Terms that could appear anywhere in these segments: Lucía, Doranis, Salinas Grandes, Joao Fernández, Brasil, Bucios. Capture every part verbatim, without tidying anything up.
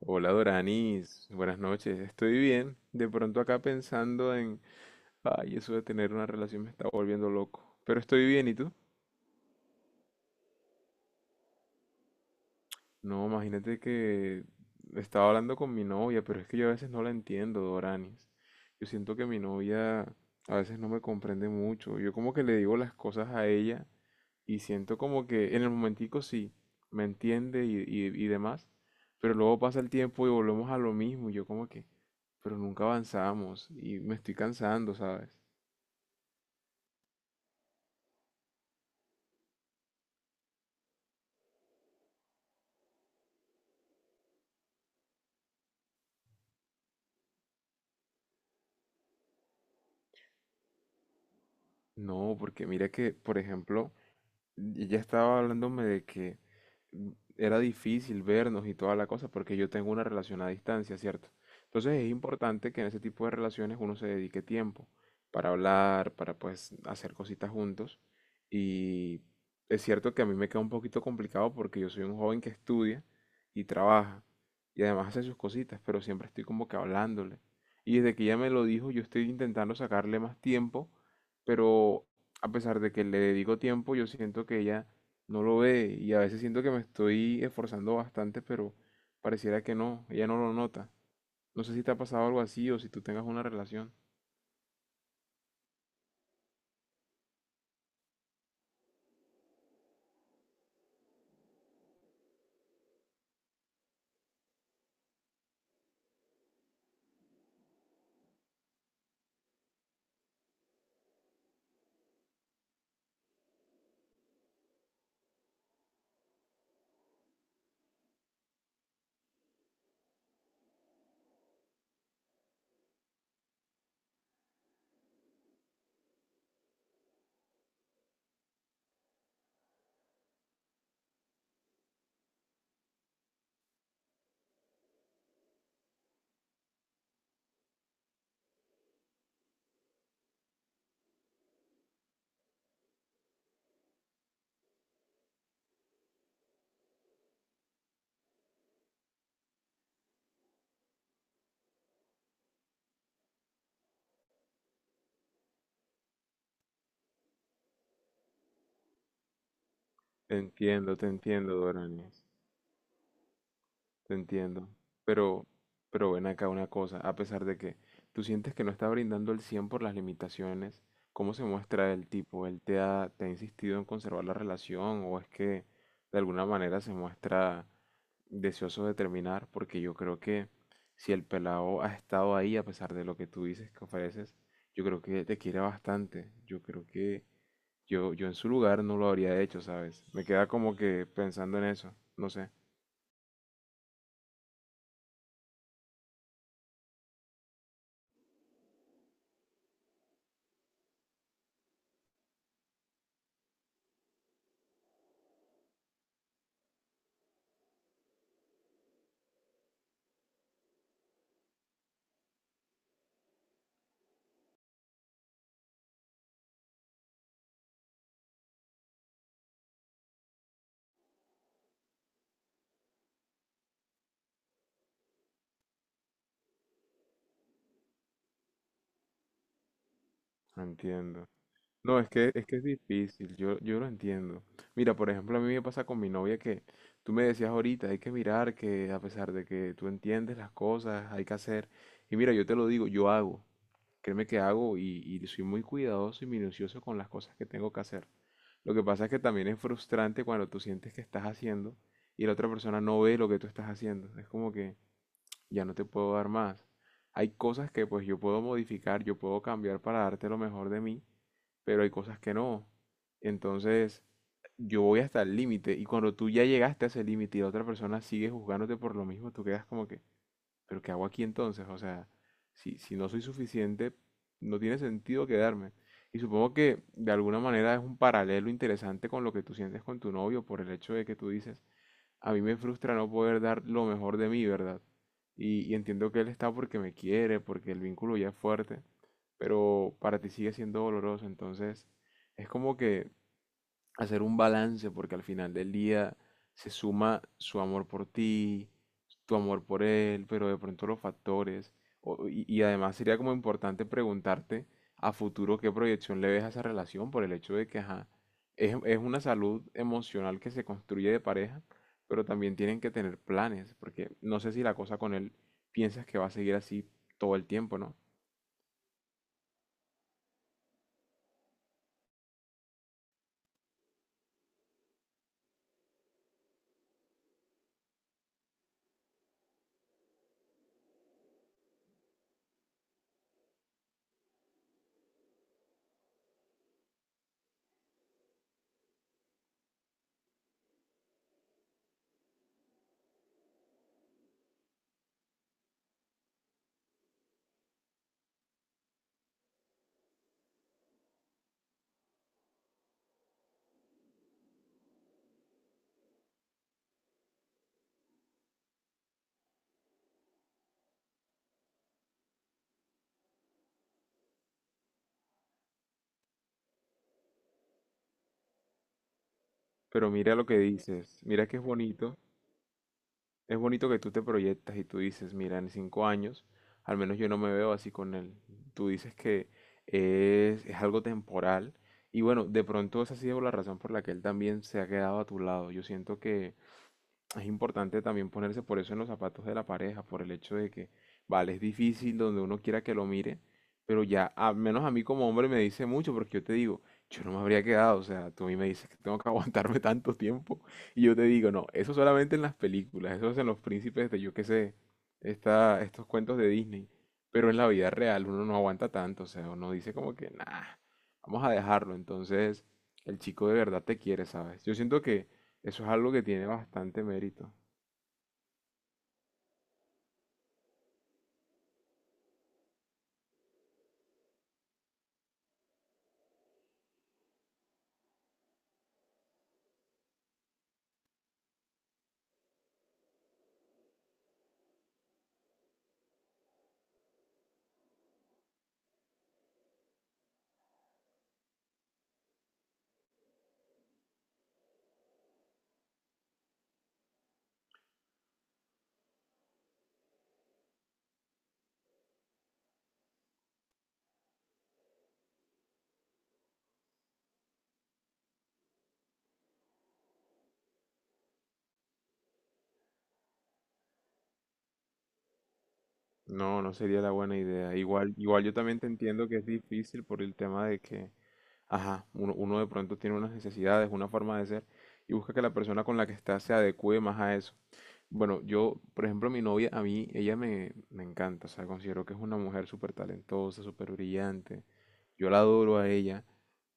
Hola Doranis, buenas noches, estoy bien. De pronto acá pensando en, ay, eso de tener una relación me está volviendo loco. Pero estoy bien, ¿y tú? No, imagínate que estaba hablando con mi novia, pero es que yo a veces no la entiendo, Doranis. Yo siento que mi novia a veces no me comprende mucho. Yo como que le digo las cosas a ella. Y siento como que en el momentico sí, me entiende y, y- y demás, pero luego pasa el tiempo y volvemos a lo mismo. Y yo como que, pero nunca avanzamos y me estoy cansando, ¿sabes? No, porque mira que, por ejemplo, y ya estaba hablándome de que mm, era difícil vernos y toda la cosa porque yo tengo una relación a distancia, ¿cierto? Entonces es importante que en ese tipo de relaciones uno se dedique tiempo para hablar, para pues hacer cositas juntos. Y es cierto que a mí me queda un poquito complicado porque yo soy un joven que estudia y trabaja y además hace sus cositas, pero siempre estoy como que hablándole. Y desde que ella me lo dijo, yo estoy intentando sacarle más tiempo, pero a pesar de que le dedico tiempo, yo siento que ella no lo ve y a veces siento que me estoy esforzando bastante, pero pareciera que no, ella no lo nota. No sé si te ha pasado algo así o si tú tengas una relación. Te entiendo, te entiendo, Doranis. Te entiendo. Pero, pero ven acá una cosa, a pesar de que tú sientes que no está brindando el cien por las limitaciones, ¿cómo se muestra el tipo? ¿Él te ha, te ha insistido en conservar la relación o es que de alguna manera se muestra deseoso de terminar? Porque yo creo que si el pelado ha estado ahí, a pesar de lo que tú dices que ofreces, yo creo que te quiere bastante. Yo creo que yo, yo en su lugar no lo habría hecho, ¿sabes? Me queda como que pensando en eso, no sé. No entiendo. No, es que, es que es difícil, yo, yo lo entiendo. Mira, por ejemplo, a mí me pasa con mi novia que tú me decías ahorita, hay que mirar que a pesar de que tú entiendes las cosas, hay que hacer. Y mira, yo te lo digo, yo hago. Créeme que hago y, y soy muy cuidadoso y minucioso con las cosas que tengo que hacer. Lo que pasa es que también es frustrante cuando tú sientes que estás haciendo y la otra persona no ve lo que tú estás haciendo. Es como que, ya no te puedo dar más. Hay cosas que pues yo puedo modificar, yo puedo cambiar para darte lo mejor de mí, pero hay cosas que no. Entonces, yo voy hasta el límite y cuando tú ya llegaste a ese límite y la otra persona sigue juzgándote por lo mismo, tú quedas como que, pero ¿qué hago aquí entonces? O sea, si, si no soy suficiente, no tiene sentido quedarme. Y supongo que de alguna manera es un paralelo interesante con lo que tú sientes con tu novio por el hecho de que tú dices, a mí me frustra no poder dar lo mejor de mí, ¿verdad? Y, y entiendo que él está porque me quiere, porque el vínculo ya es fuerte, pero para ti sigue siendo doloroso, entonces es como que hacer un balance, porque al final del día se suma su amor por ti, tu amor por él, pero de pronto los factores. o- y, y además sería como importante preguntarte a futuro qué proyección le ves a esa relación por el hecho de que, ajá, es, es una salud emocional que se construye de pareja, pero también tienen que tener planes, porque no sé si la cosa con él piensas que va a seguir así todo el tiempo, ¿no? Pero mira lo que dices, mira que es bonito. Es bonito que tú te proyectas y tú dices, mira, en cinco años, al menos yo no me veo así con él. Tú dices que es, es algo temporal. Y bueno, de pronto esa ha sido la razón por la que él también se ha quedado a tu lado. Yo siento que es importante también ponerse por eso en los zapatos de la pareja, por el hecho de que, vale, es difícil donde uno quiera que lo mire, pero ya, al menos a mí como hombre me dice mucho, porque yo te digo, yo no me habría quedado, o sea, tú a mí me dices que tengo que aguantarme tanto tiempo, y yo te digo, no, eso solamente en las películas, eso es en los príncipes de, yo qué sé, esta, estos cuentos de Disney, pero en la vida real uno no aguanta tanto, o sea, uno dice como que, nah, vamos a dejarlo, entonces el chico de verdad te quiere, ¿sabes? Yo siento que eso es algo que tiene bastante mérito. No, no sería la buena idea. Igual, igual yo también te entiendo que es difícil por el tema de que, ajá, uno, uno de pronto tiene unas necesidades, una forma de ser, y busca que la persona con la que está se adecue más a eso. Bueno, yo, por ejemplo, mi novia, a mí, ella me, me encanta, o sea, considero que es una mujer súper talentosa, súper brillante. Yo la adoro a ella.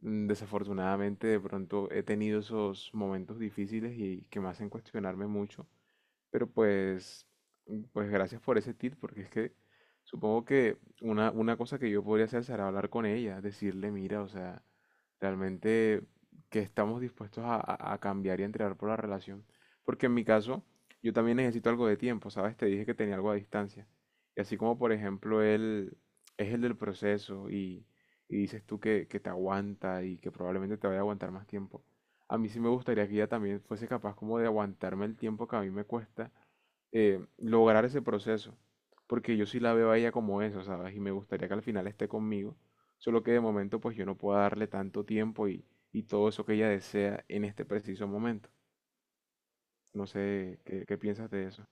Mm, desafortunadamente, de pronto he tenido esos momentos difíciles y que me hacen cuestionarme mucho. Pero pues, pues gracias por ese tip, porque es que supongo que una, una cosa que yo podría hacer será hablar con ella, decirle, mira, o sea, realmente que estamos dispuestos a, a- a cambiar y a entregar por la relación. Porque en mi caso, yo también necesito algo de tiempo, ¿sabes? Te dije que tenía algo a distancia. Y así como, por ejemplo, él es el del proceso y, y dices tú que, que te aguanta y que probablemente te vaya a aguantar más tiempo. A mí sí me gustaría que ella también fuese capaz como de aguantarme el tiempo que a mí me cuesta eh, lograr ese proceso. Porque yo sí la veo a ella como eso, ¿sabes? Y me gustaría que al final esté conmigo. Solo que de momento pues yo no puedo darle tanto tiempo y, y todo eso que ella desea en este preciso momento. No sé qué, qué piensas de eso.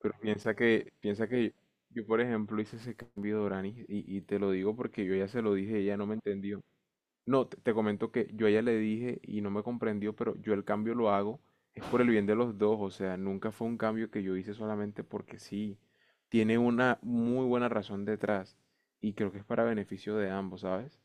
Pero piensa que, piensa que yo, por ejemplo, hice ese cambio de Oranis y, y te lo digo porque yo ya se lo dije y ella no me entendió. No, te, te comento que yo a ella le dije y no me comprendió, pero yo el cambio lo hago, es por el bien de los dos, o sea, nunca fue un cambio que yo hice solamente porque sí, tiene una muy buena razón detrás y creo que es para beneficio de ambos, ¿sabes?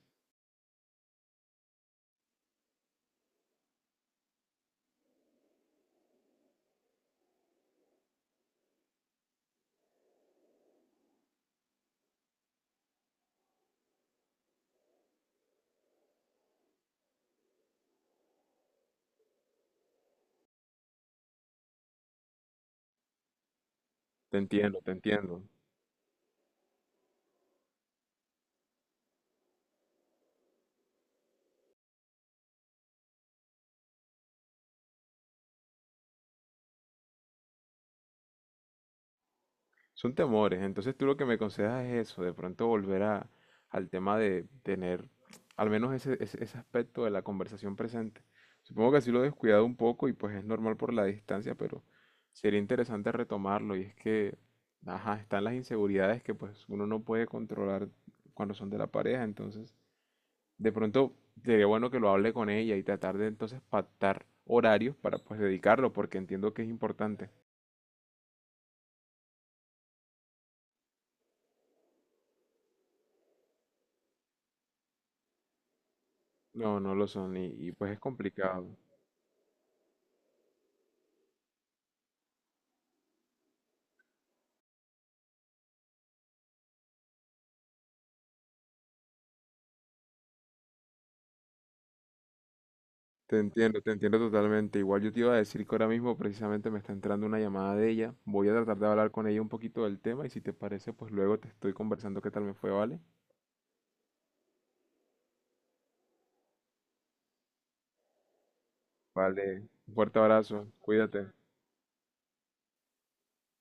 Te entiendo, te entiendo. Son temores, entonces tú lo que me aconsejas es eso, de pronto volver a, al tema de tener al menos ese, ese, ese aspecto de la conversación presente. Supongo que así lo he descuidado un poco y pues es normal por la distancia, pero sería interesante retomarlo y es que, ajá, están las inseguridades que pues uno no puede controlar cuando son de la pareja, entonces de pronto sería bueno que lo hable con ella y tratar de entonces pactar horarios para pues dedicarlo, porque entiendo que es importante. No, no lo son y, y pues es complicado. Te entiendo, te entiendo totalmente. Igual yo te iba a decir que ahora mismo precisamente me está entrando una llamada de ella. Voy a tratar de hablar con ella un poquito del tema y si te parece, pues luego te estoy conversando qué tal me fue, ¿vale? Vale. Un fuerte abrazo. Cuídate.